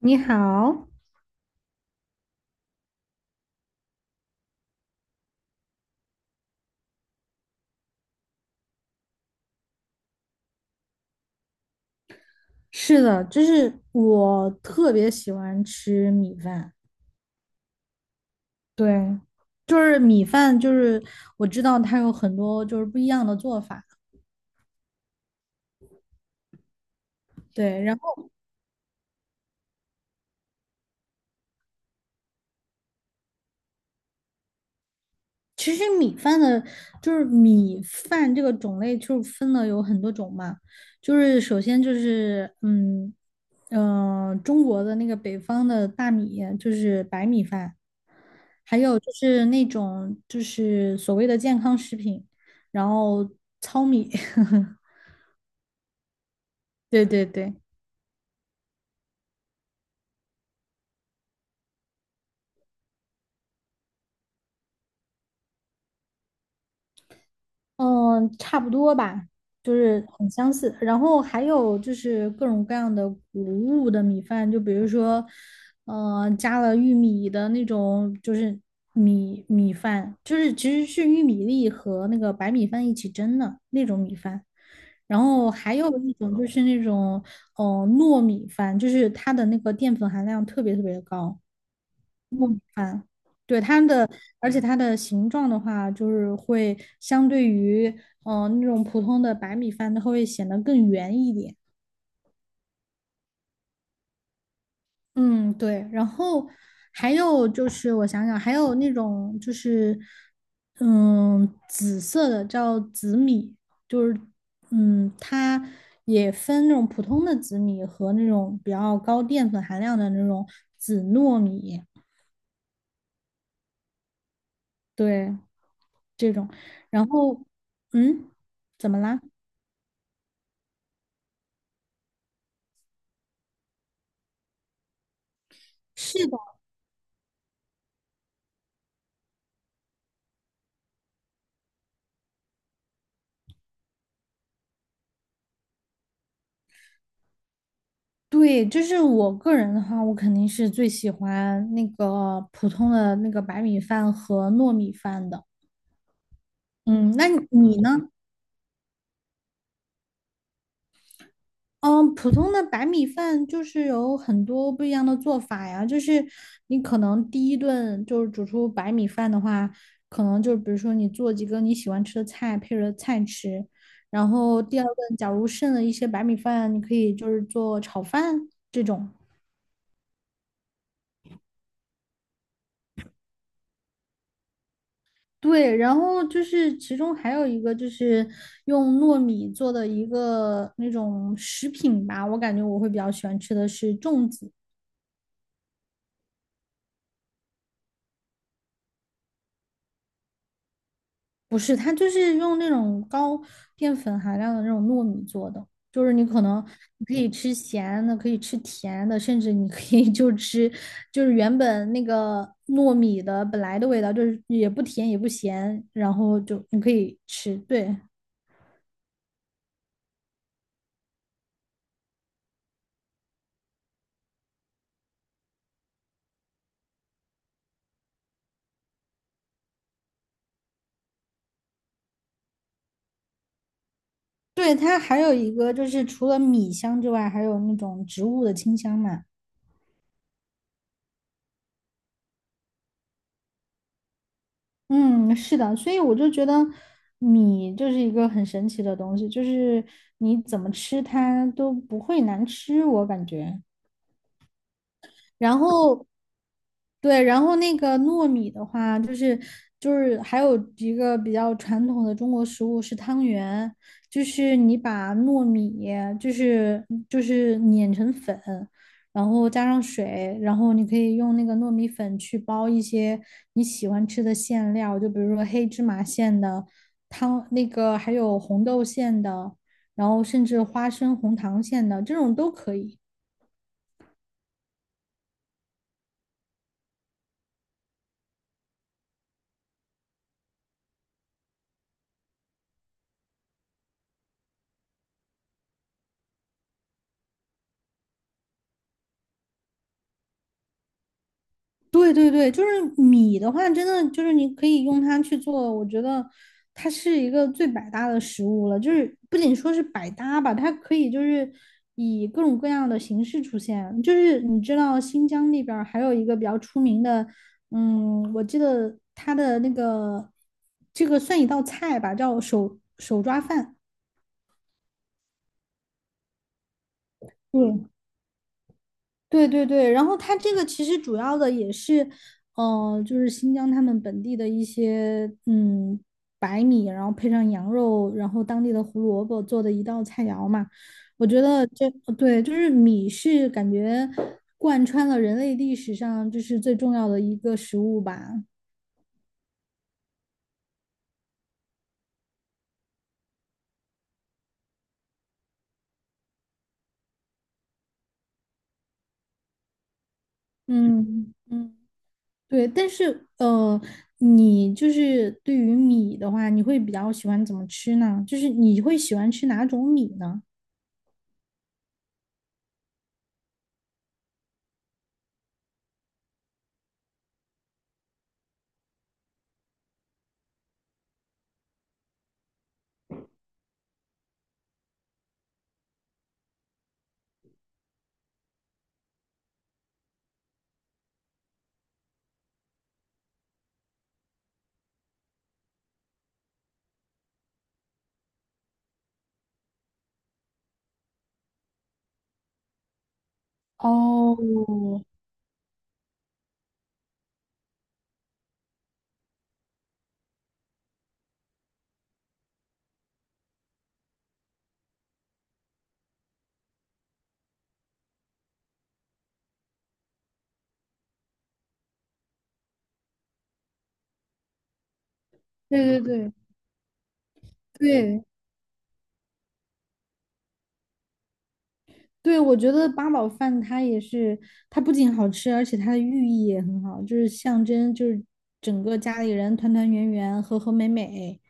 你好，是的，就是我特别喜欢吃米饭，对，就是米饭，就是我知道它有很多就是不一样的做法，对，然后。其实米饭的，就是米饭这个种类，就是分了有很多种嘛。就是首先就是，中国的那个北方的大米，就是白米饭，还有就是那种就是所谓的健康食品，然后糙米，对对对。嗯，差不多吧，就是很相似。然后还有就是各种各样的谷物的米饭，就比如说，加了玉米的那种，就是米饭，就是其实是玉米粒和那个白米饭一起蒸的那种米饭。然后还有一种就是那种，糯米饭，就是它的那个淀粉含量特别特别的高。啊，对它的，而且它的形状的话，就是会相对于那种普通的白米饭，它会显得更圆一点。嗯，对。然后还有就是我想想，还有那种就是紫色的叫紫米，就是它也分那种普通的紫米和那种比较高淀粉含量的那种紫糯米，对这种。然后嗯，怎么啦？是的，对，就是我个人的话，我肯定是最喜欢那个普通的那个白米饭和糯米饭的。嗯，那你呢？嗯，普通的白米饭就是有很多不一样的做法呀，就是你可能第一顿就是煮出白米饭的话，可能就比如说你做几个你喜欢吃的菜配着菜吃，然后第二顿假如剩了一些白米饭，你可以就是做炒饭这种。对，然后就是其中还有一个就是用糯米做的一个那种食品吧，我感觉我会比较喜欢吃的是粽子，不是，它就是用那种高淀粉含量的那种糯米做的，就是你可以吃咸的，可以吃甜的，甚至你可以就吃就是原本那个糯米的本来的味道，就是也不甜也不咸，然后就你可以吃，对。对，它还有一个就是除了米香之外，还有那种植物的清香嘛。嗯，是的，所以我就觉得米就是一个很神奇的东西，就是你怎么吃它都不会难吃，我感觉。然后对，然后那个糯米的话，就是还有一个比较传统的中国食物是汤圆，就是你把糯米就是碾成粉，然后加上水，然后你可以用那个糯米粉去包一些你喜欢吃的馅料，就比如说黑芝麻馅的汤，那个还有红豆馅的，然后甚至花生红糖馅的这种都可以。对对对，就是米的话，真的就是你可以用它去做，我觉得它是一个最百搭的食物了。就是不仅说是百搭吧，它可以就是以各种各样的形式出现。就是你知道新疆那边儿还有一个比较出名的，我记得它的那个这个算一道菜吧，叫手抓饭。对对对对，然后它这个其实主要的也是，就是新疆他们本地的一些白米，然后配上羊肉，然后当地的胡萝卜做的一道菜肴嘛。我觉得这对，就是米是感觉贯穿了人类历史上就是最重要的一个食物吧。嗯嗯，对，但是你就是对于米的话，你会比较喜欢怎么吃呢？就是你会喜欢吃哪种米呢？哦，对对对对对，我觉得八宝饭它也是，它不仅好吃，而且它的寓意也很好，就是象征就是整个家里人团团圆圆、和和美美。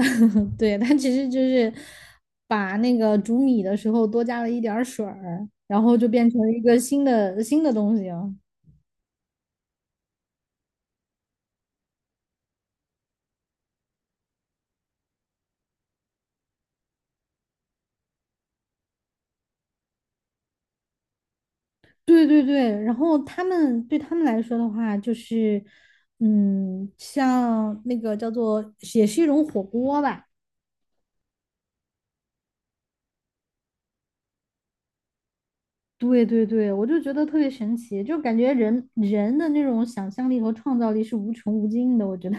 对，它其实就是把那个煮米的时候多加了一点儿水儿，然后就变成了一个新的东西了。对对对，然后对他们来说的话，就是，像那个叫做，也是一种火锅吧，对对对，我就觉得特别神奇，就感觉人人的那种想象力和创造力是无穷无尽的。我觉得，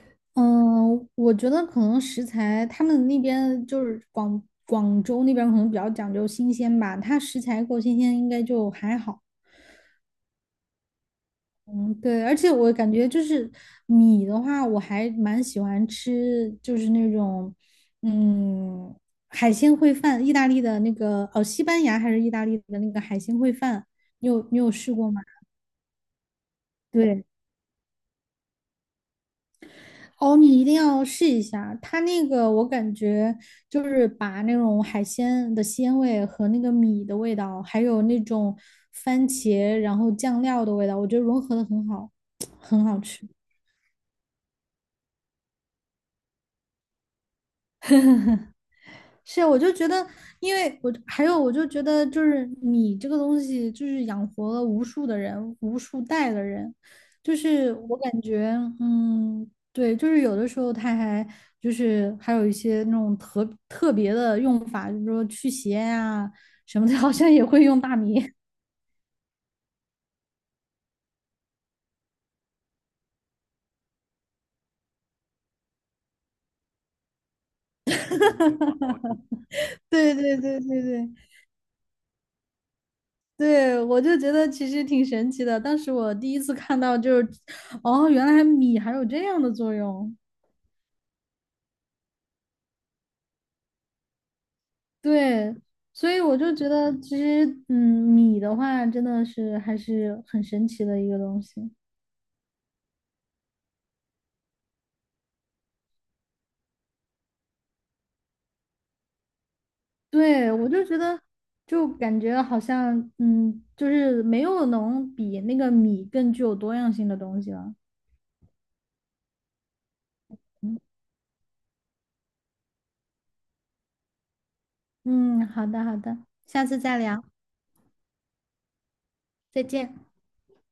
嗯，我觉得可能食材他们那边就是广州那边可能比较讲究新鲜吧，它食材够新鲜应该就还好。嗯，对，而且我感觉就是米的话，我还蛮喜欢吃，就是那种嗯海鲜烩饭，意大利的那个哦，西班牙还是意大利的那个海鲜烩饭，你有试过吗？对。哦，你一定要试一下，它那个我感觉就是把那种海鲜的鲜味和那个米的味道，还有那种番茄然后酱料的味道，我觉得融合的很好，很好吃。是啊，我就觉得，因为我还有，我就觉得，就是米这个东西，就是养活了无数的人，无数代的人，就是我感觉，嗯，对，就是有的时候它还就是还有一些那种特别的用法，就是说驱邪呀、什么的，好像也会用大米。对对对对对对，我就觉得其实挺神奇的。当时我第一次看到，就是哦，原来米还有这样的作用。对，所以我就觉得，其实，米的话真的是还是很神奇的一个东西。对，我就觉得，就感觉好像，就是没有能比那个米更具有多样性的东西了。嗯，好的，好的，下次再聊，再见。